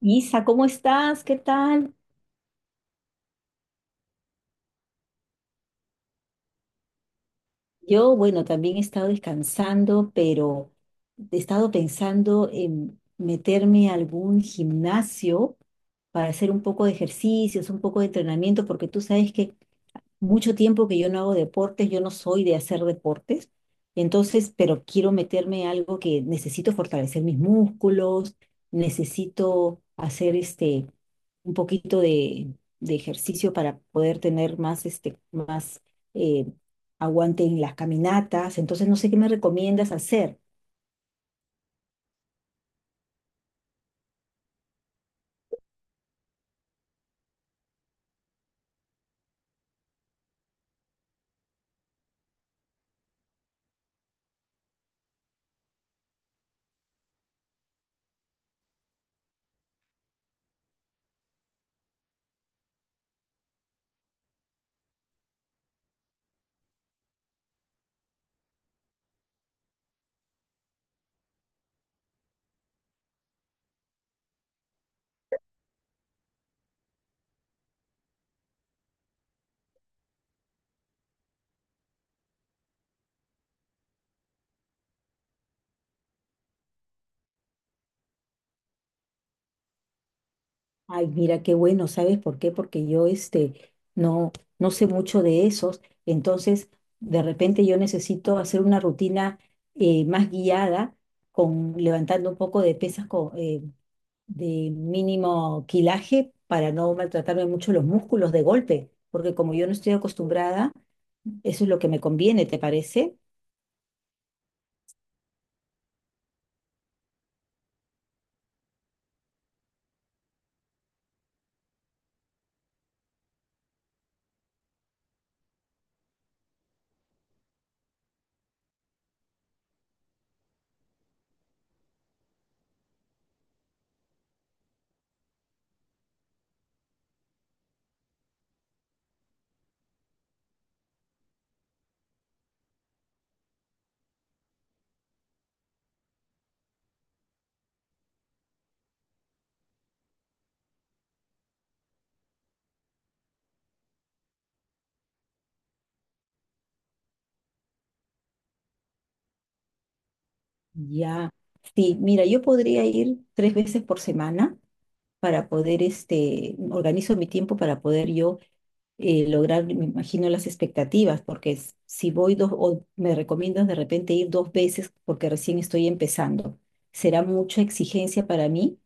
Isa, ¿cómo estás? ¿Qué tal? Yo, bueno, también he estado descansando, pero he estado pensando en meterme a algún gimnasio para hacer un poco de ejercicios, un poco de entrenamiento, porque tú sabes que mucho tiempo que yo no hago deportes, yo no soy de hacer deportes, entonces, pero quiero meterme algo que necesito fortalecer mis músculos, necesito hacer un poquito de ejercicio para poder tener más más eh, aguante en las caminatas, entonces no sé qué me recomiendas hacer. Ay, mira qué bueno, ¿sabes por qué? Porque yo no sé mucho de esos, entonces de repente yo necesito hacer una rutina más guiada con levantando un poco de pesas de mínimo quilaje para no maltratarme mucho los músculos de golpe, porque como yo no estoy acostumbrada, eso es lo que me conviene, ¿te parece? Ya. Sí, mira, yo podría ir 3 veces por semana para poder organizo mi tiempo para poder yo lograr, me imagino, las expectativas, porque si voy 2, o me recomiendas de repente ir 2 veces porque recién estoy empezando, será mucha exigencia para mí.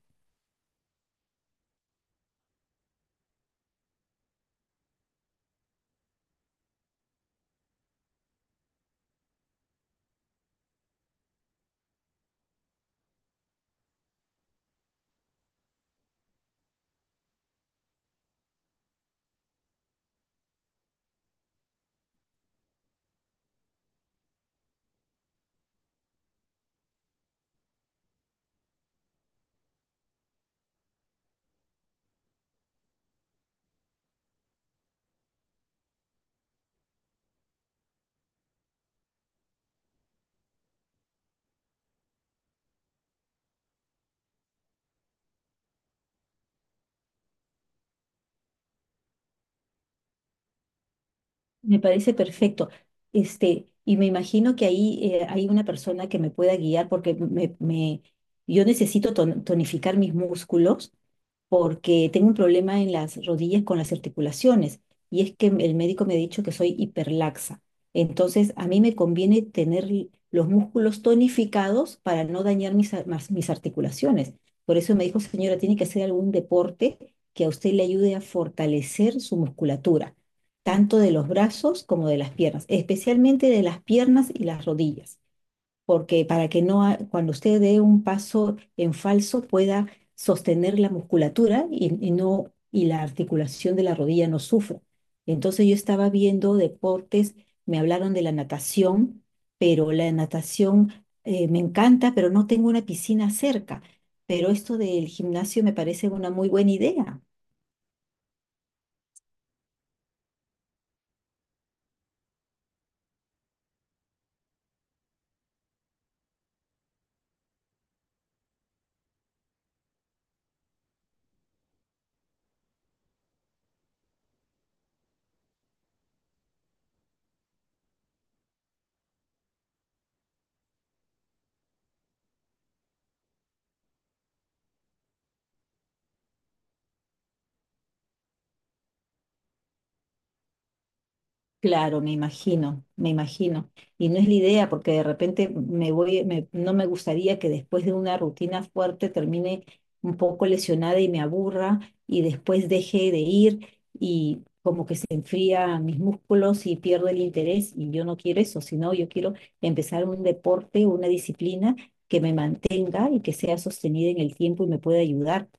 Me parece perfecto. Y me imagino que ahí hay una persona que me pueda guiar porque yo necesito tonificar mis músculos porque tengo un problema en las rodillas con las articulaciones y es que el médico me ha dicho que soy hiperlaxa. Entonces, a mí me conviene tener los músculos tonificados para no dañar mis articulaciones. Por eso me dijo, señora, tiene que hacer algún deporte que a usted le ayude a fortalecer su musculatura, tanto de los brazos como de las piernas, especialmente de las piernas y las rodillas porque para que no, cuando usted dé un paso en falso pueda sostener la musculatura y no, y la articulación de la rodilla no sufra. Entonces yo estaba viendo deportes, me hablaron de la natación, pero la natación me encanta, pero no tengo una piscina cerca. Pero esto del gimnasio me parece una muy buena idea. Claro, me imagino, me imagino. Y no es la idea, porque de repente no me gustaría que después de una rutina fuerte termine un poco lesionada y me aburra y después deje de ir y como que se enfría mis músculos y pierdo el interés y yo no quiero eso, sino yo quiero empezar un deporte, una disciplina que me mantenga y que sea sostenida en el tiempo y me pueda ayudar.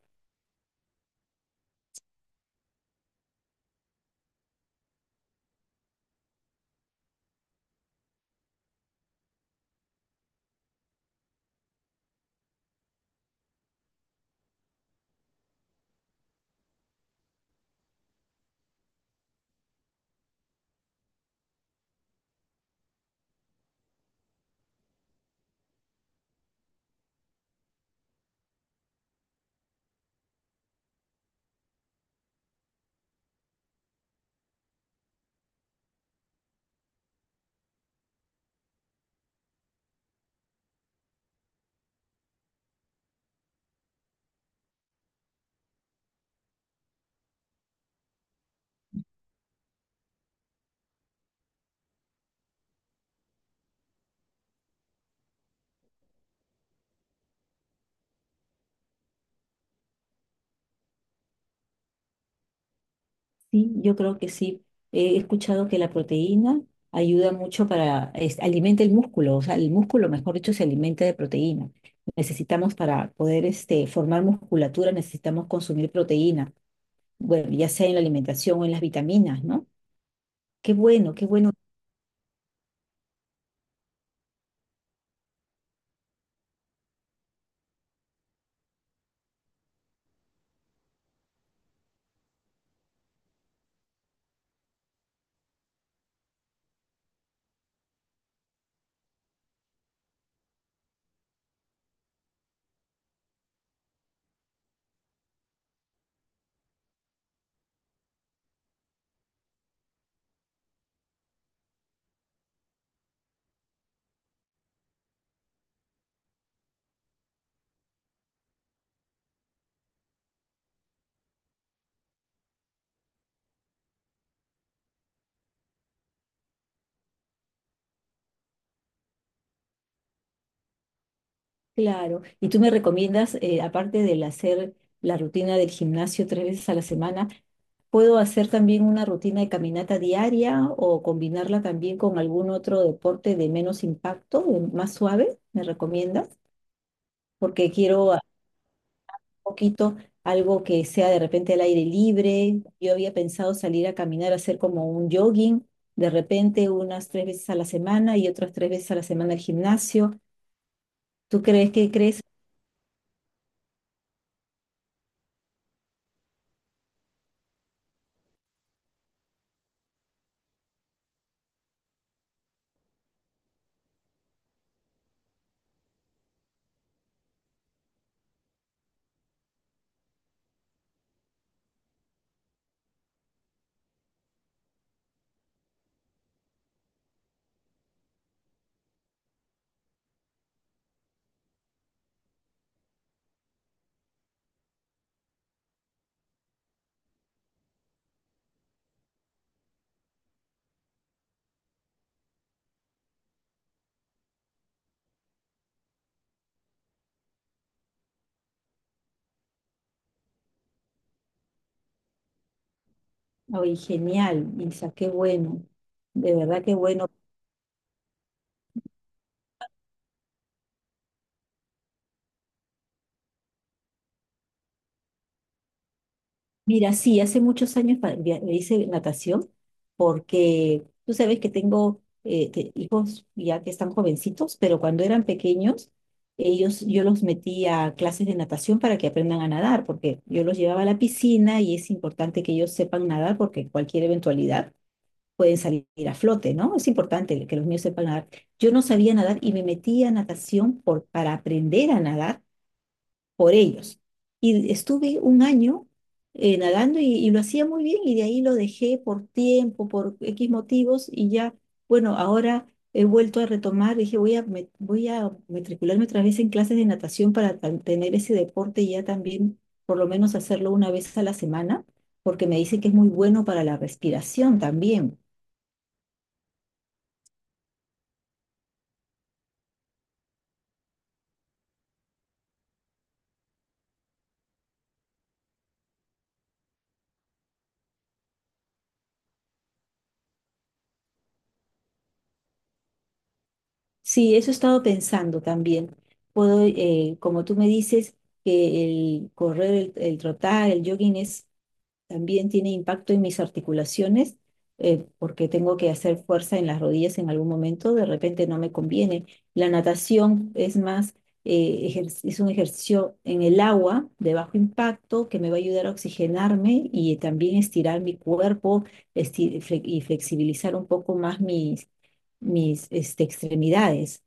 Sí, yo creo que sí. He escuchado que la proteína ayuda mucho para, alimenta el músculo, o sea, el músculo, mejor dicho, se alimenta de proteína. Necesitamos para poder formar musculatura, necesitamos consumir proteína, bueno, ya sea en la alimentación o en las vitaminas, ¿no? Qué bueno, claro. Y tú me recomiendas, aparte del hacer la rutina del gimnasio 3 veces a la semana, puedo hacer también una rutina de caminata diaria o combinarla también con algún otro deporte de menos impacto, de más suave, ¿me recomiendas? Porque quiero un poquito algo que sea de repente al aire libre. Yo había pensado salir a caminar, hacer como un jogging, de repente unas 3 veces a la semana y otras 3 veces a la semana al gimnasio. ¿Tú crees que crees? Ay, genial, Isa, qué bueno. De verdad qué bueno. Mira, sí, hace muchos años hice natación porque tú sabes que tengo hijos ya que están jovencitos, pero cuando eran pequeños, ellos, yo los metí a clases de natación para que aprendan a nadar, porque yo los llevaba a la piscina y es importante que ellos sepan nadar porque cualquier eventualidad pueden salir a flote, ¿no? Es importante que los niños sepan nadar. Yo no sabía nadar y me metí a natación para aprender a nadar por ellos. Y estuve un año nadando y lo hacía muy bien y de ahí lo dejé por tiempo, por X motivos y ya, bueno, ahora he vuelto a retomar, dije voy a matricularme otra vez en clases de natación para tener ese deporte y ya también por lo menos hacerlo una vez a la semana, porque me dice que es muy bueno para la respiración también. Sí, eso he estado pensando también. Puedo, como tú me dices, que el correr, el trotar, el jogging es también tiene impacto en mis articulaciones porque tengo que hacer fuerza en las rodillas en algún momento, de repente no me conviene. La natación es más, es un ejercicio en el agua de bajo impacto que me va a ayudar a oxigenarme y también estirar mi cuerpo y flexibilizar un poco más mis extremidades.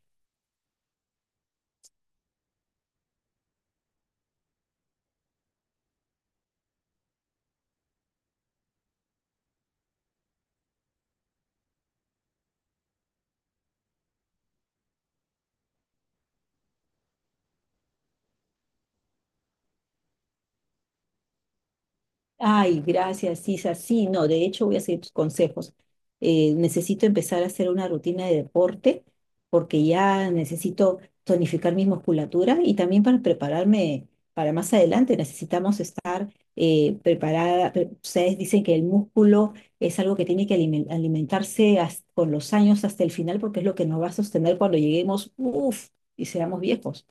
Ay, gracias, Isa. Sí, no, de hecho voy a seguir tus consejos. Necesito empezar a hacer una rutina de deporte porque ya necesito tonificar mi musculatura y también para prepararme para más adelante necesitamos estar preparada. Ustedes dicen que el músculo es algo que tiene que alimentarse con los años hasta el final porque es lo que nos va a sostener cuando lleguemos, uff, y seamos viejos.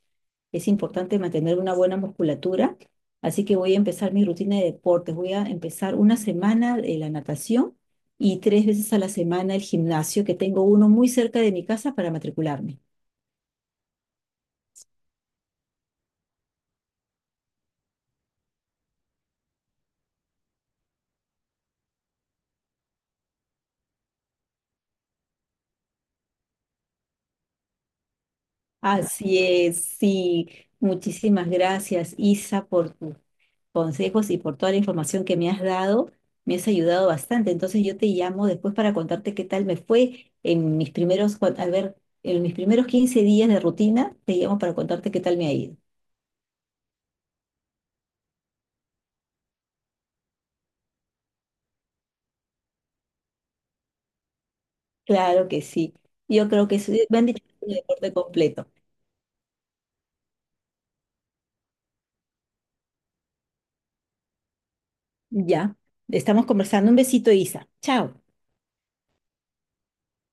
Es importante mantener una buena musculatura. Así que voy a empezar mi rutina de deportes. Voy a empezar una semana de la natación y 3 veces a la semana el gimnasio, que tengo uno muy cerca de mi casa para matricularme. Así es, sí. Muchísimas gracias, Isa, por tus consejos y por toda la información que me has dado. Me has ayudado bastante. Entonces yo te llamo después para contarte qué tal me fue en mis primeros, a ver, en mis primeros 15 días de rutina, te llamo para contarte qué tal me ha ido. Claro que sí. Yo creo que sí. Me han dicho que es un deporte completo. Ya. Estamos conversando. Un besito, Isa. Chao.